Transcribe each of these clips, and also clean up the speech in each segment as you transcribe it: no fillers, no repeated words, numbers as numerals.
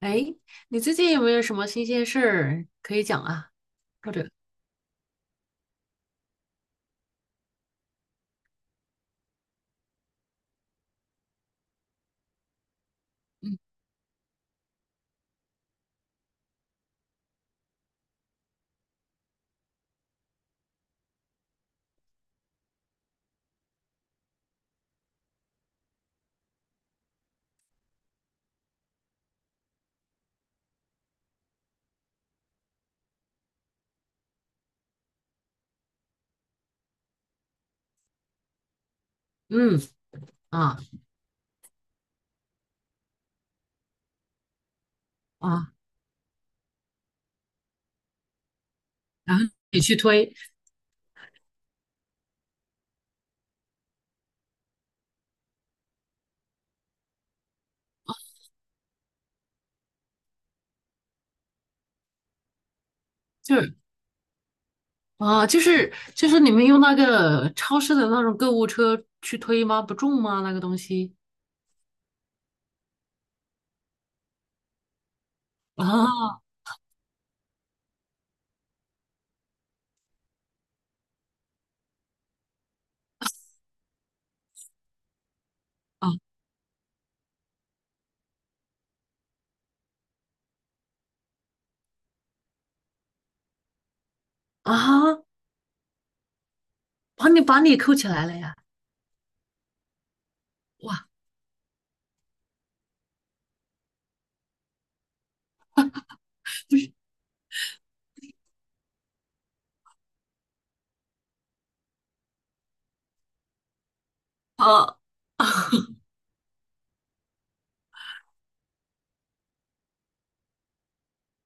哎，你最近有没有什么新鲜事儿可以讲啊？或者，嗯嗯啊啊，然后你去推，就是就是你们用那个超市的那种购物车去推吗？不重吗？那个东西啊。啊，啊，把你扣起来了呀！哇啊，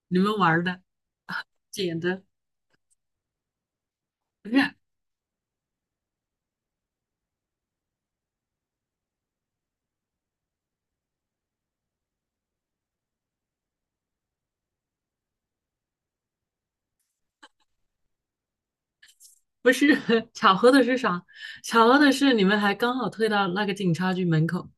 你们玩儿的，捡的，不是？不是 巧合的是啥？巧合的是你们还刚好退到那个警察局门口，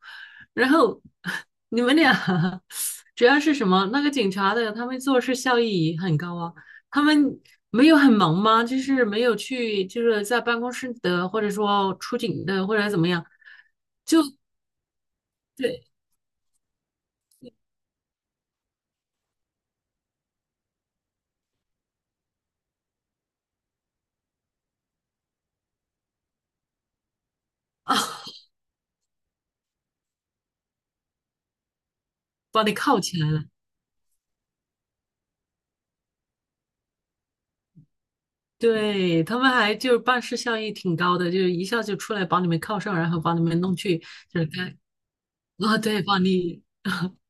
然后 你们俩 主要是什么？那个警察的他们做事效益很高啊，他们没有很忙吗？就是没有去，就是在办公室的，或者说出警的，或者怎么样？对啊，把你铐起来了。对，他们还就是办事效益挺高的，就是一下就出来把你们铐上，然后把你们弄去，就是该啊，对，把你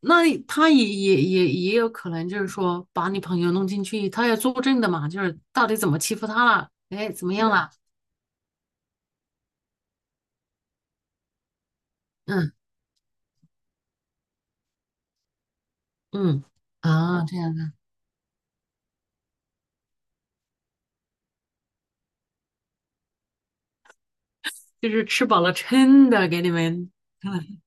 那他也有可能就是说把你朋友弄进去，他要作证的嘛，就是到底怎么欺负他了，哎，怎么样了？嗯嗯，啊，嗯，这样子就是吃饱了撑的给你们。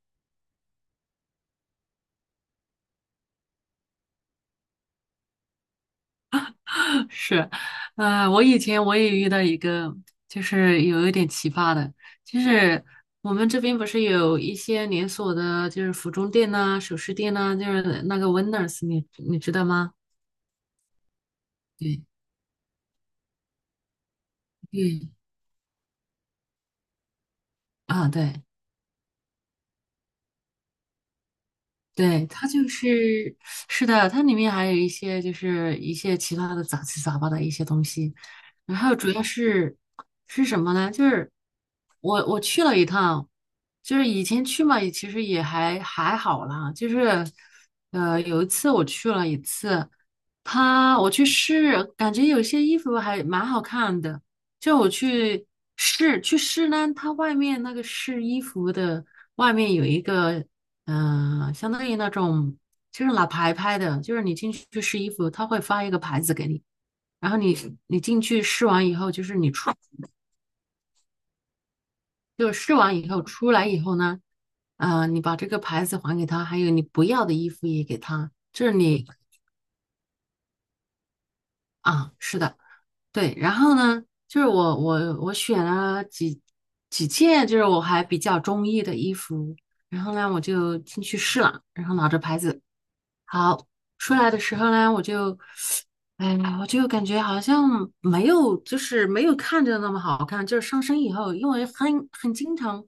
是，我以前我也遇到一个，就是有一点奇葩的，就是我们这边不是有一些连锁的，就是服装店呐、首饰店呐、就是那个 Winners，你你知道吗？对对啊，对，对，它就是，是的，它里面还有一些就是一些其他的杂七杂八的一些东西，然后主要是是什么呢？就是我去了一趟，就是以前去嘛，也其实也还好啦。就是有一次我去了一次，他我去试，感觉有些衣服还蛮好看的。就我去试呢，它外面那个试衣服的外面有一个相当于那种就是拿牌牌的，就是你进去试衣服，他会发一个牌子给你。然后你进去试完以后，就是你出，就试完以后出来以后呢，啊、你把这个牌子还给他，还有你不要的衣服也给他，就是你啊，是的，对。然后呢，就是我选了几件，就是我还比较中意的衣服，然后呢，我就进去试了，然后拿着牌子，好，出来的时候呢，我就。哎呀，我就感觉好像没有，就是没有看着那么好看。就是上身以后，因为很经常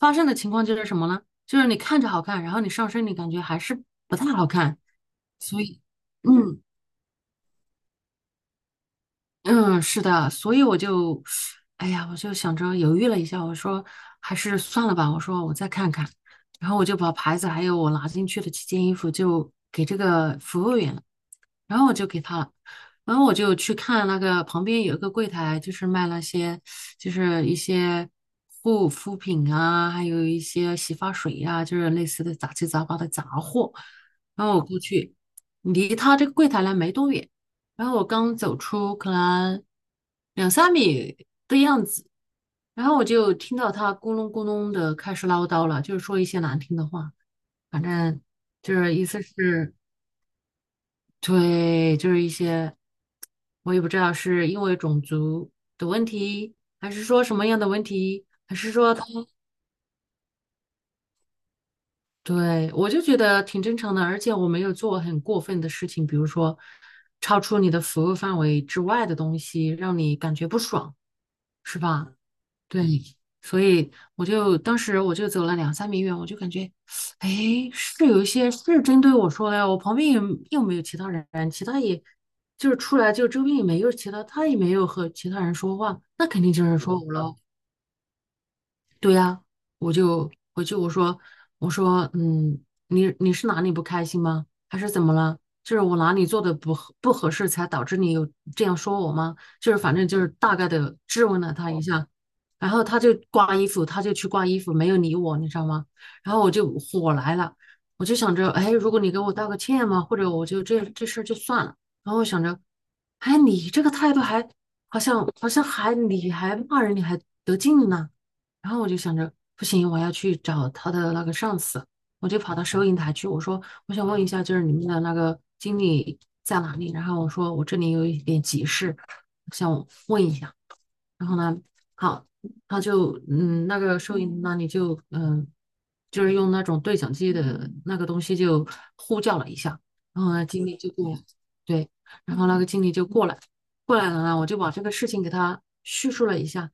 发生的情况就是什么呢？就是你看着好看，然后你上身你感觉还是不太好看。所以，嗯嗯，是的，所以我就，哎呀，我就想着犹豫了一下，我说还是算了吧，我说我再看看，然后我就把牌子还有我拿进去的几件衣服就给这个服务员，了。然后我就给他了，然后我就去看那个旁边有一个柜台，就是卖那些就是一些护肤品啊，还有一些洗发水呀、就是类似的杂七杂八的杂货。然后我过去，离他这个柜台呢没多远，然后我刚走出可能两三米的样子，然后我就听到他咕隆咕隆的开始唠叨了，就是说一些难听的话，反正就是意思是。对，就是一些我也不知道是因为种族的问题，还是说什么样的问题，还是说他，对，我就觉得挺正常的，而且我没有做很过分的事情，比如说超出你的服务范围之外的东西，让你感觉不爽，是吧？对，所以我就当时我就走了两三米远，我就感觉，哎，是有一些是针对我说的呀，我旁边也又没有其他人，其他也就是出来就周边也没有其他，他也没有和其他人说话，那肯定就是说我了。对呀，我就回去我说我说嗯，你是哪里不开心吗？还是怎么了？就是我哪里做的不合适，才导致你有这样说我吗？就是反正就是大概的质问了他一下，然后他就挂衣服，他就去挂衣服，没有理我，你知道吗？然后我就火来了，我就想着，哎，如果你给我道个歉嘛，或者我就这事儿就算了。然后我想着，哎，你这个态度还好像还你还骂人，你还得劲呢。然后我就想着，不行，我要去找他的那个上司，我就跑到收银台去，我说我想问一下，就是你们的那个经理在哪里？然后我说我这里有一点急事，想问一下。然后呢，好，他就嗯，那个收银那你就就是用那种对讲机的那个东西就呼叫了一下，然后呢，经理就过来，对，然后那个经理就过来，过来了呢，我就把这个事情给他叙述了一下，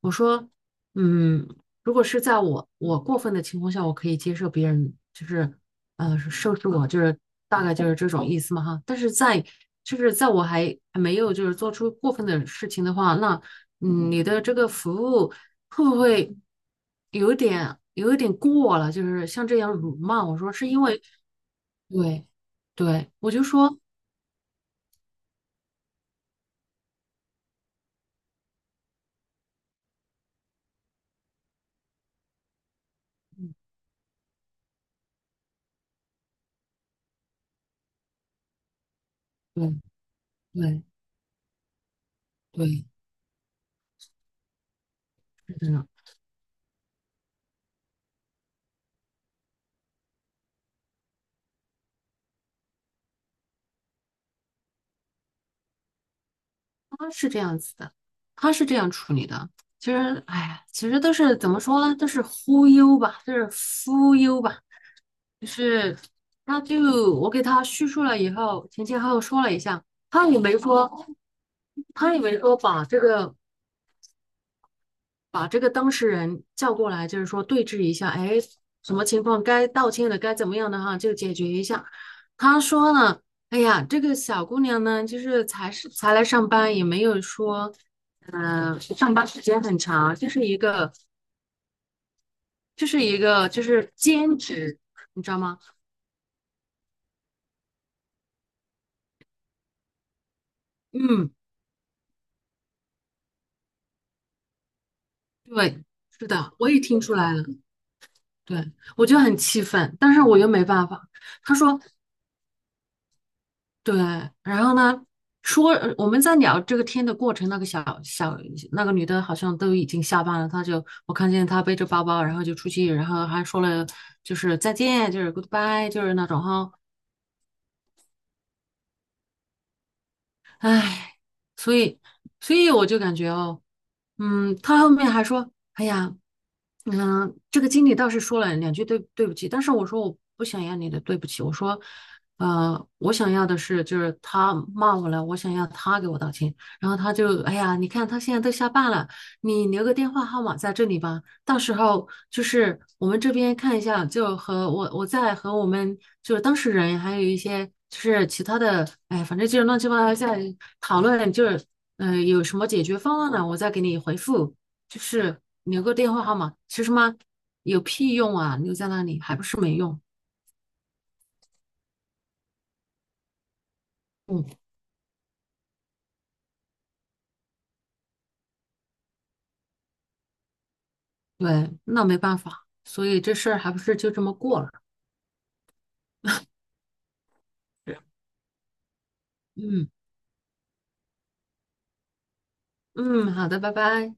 我说，嗯，如果是在我过分的情况下，我可以接受别人就是收拾我，就是大概就是这种意思嘛哈，但是在就是在我还没有就是做出过分的事情的话，那。嗯，你的这个服务会不会有一点过了？就是像这样辱骂，我说是因为对对，我就说对对对，是这样，他是这样子的，他是这样处理的。其实，哎呀，其实都是怎么说呢？都是忽悠吧，就是忽悠吧，就是他就我给他叙述了以后，前前后后说了一下，他也没说，他也没说把这个。把这个当事人叫过来，就是说对峙一下，哎，什么情况该道歉的，该怎么样的哈，就解决一下。他说呢，哎呀，这个小姑娘呢，就是才来上班，也没有说，上班时间很长，就是一个就是兼职，你知道吗？嗯，对，是的，我也听出来了，对，我就很气愤，但是我又没办法。他说对，然后呢，说我们在聊这个天的过程，那个那个女的好像都已经下班了，她就我看见她背着包包，然后就出去，然后还说了就是再见，就是 goodbye，就是那种哈。唉，所以，所以我就感觉哦，嗯，他后面还说，哎呀，嗯，这个经理倒是说了两句对不起，但是我说我不想要你的对不起，我说，我想要的是就是他骂我了，我想要他给我道歉，然后他就，哎呀，你看他现在都下班了，你留个电话号码在这里吧。到时候就是我们这边看一下，就和我再和我们就是当事人，还有一些就是其他的，哎，反正就是乱七八糟在讨论，就是有什么解决方案呢？我再给你回复，就是留个电话号码，其实嘛有屁用啊，留在那里还不是没用。嗯，对，那没办法，所以这事儿还不是就这么过了。嗯嗯，好的，拜拜。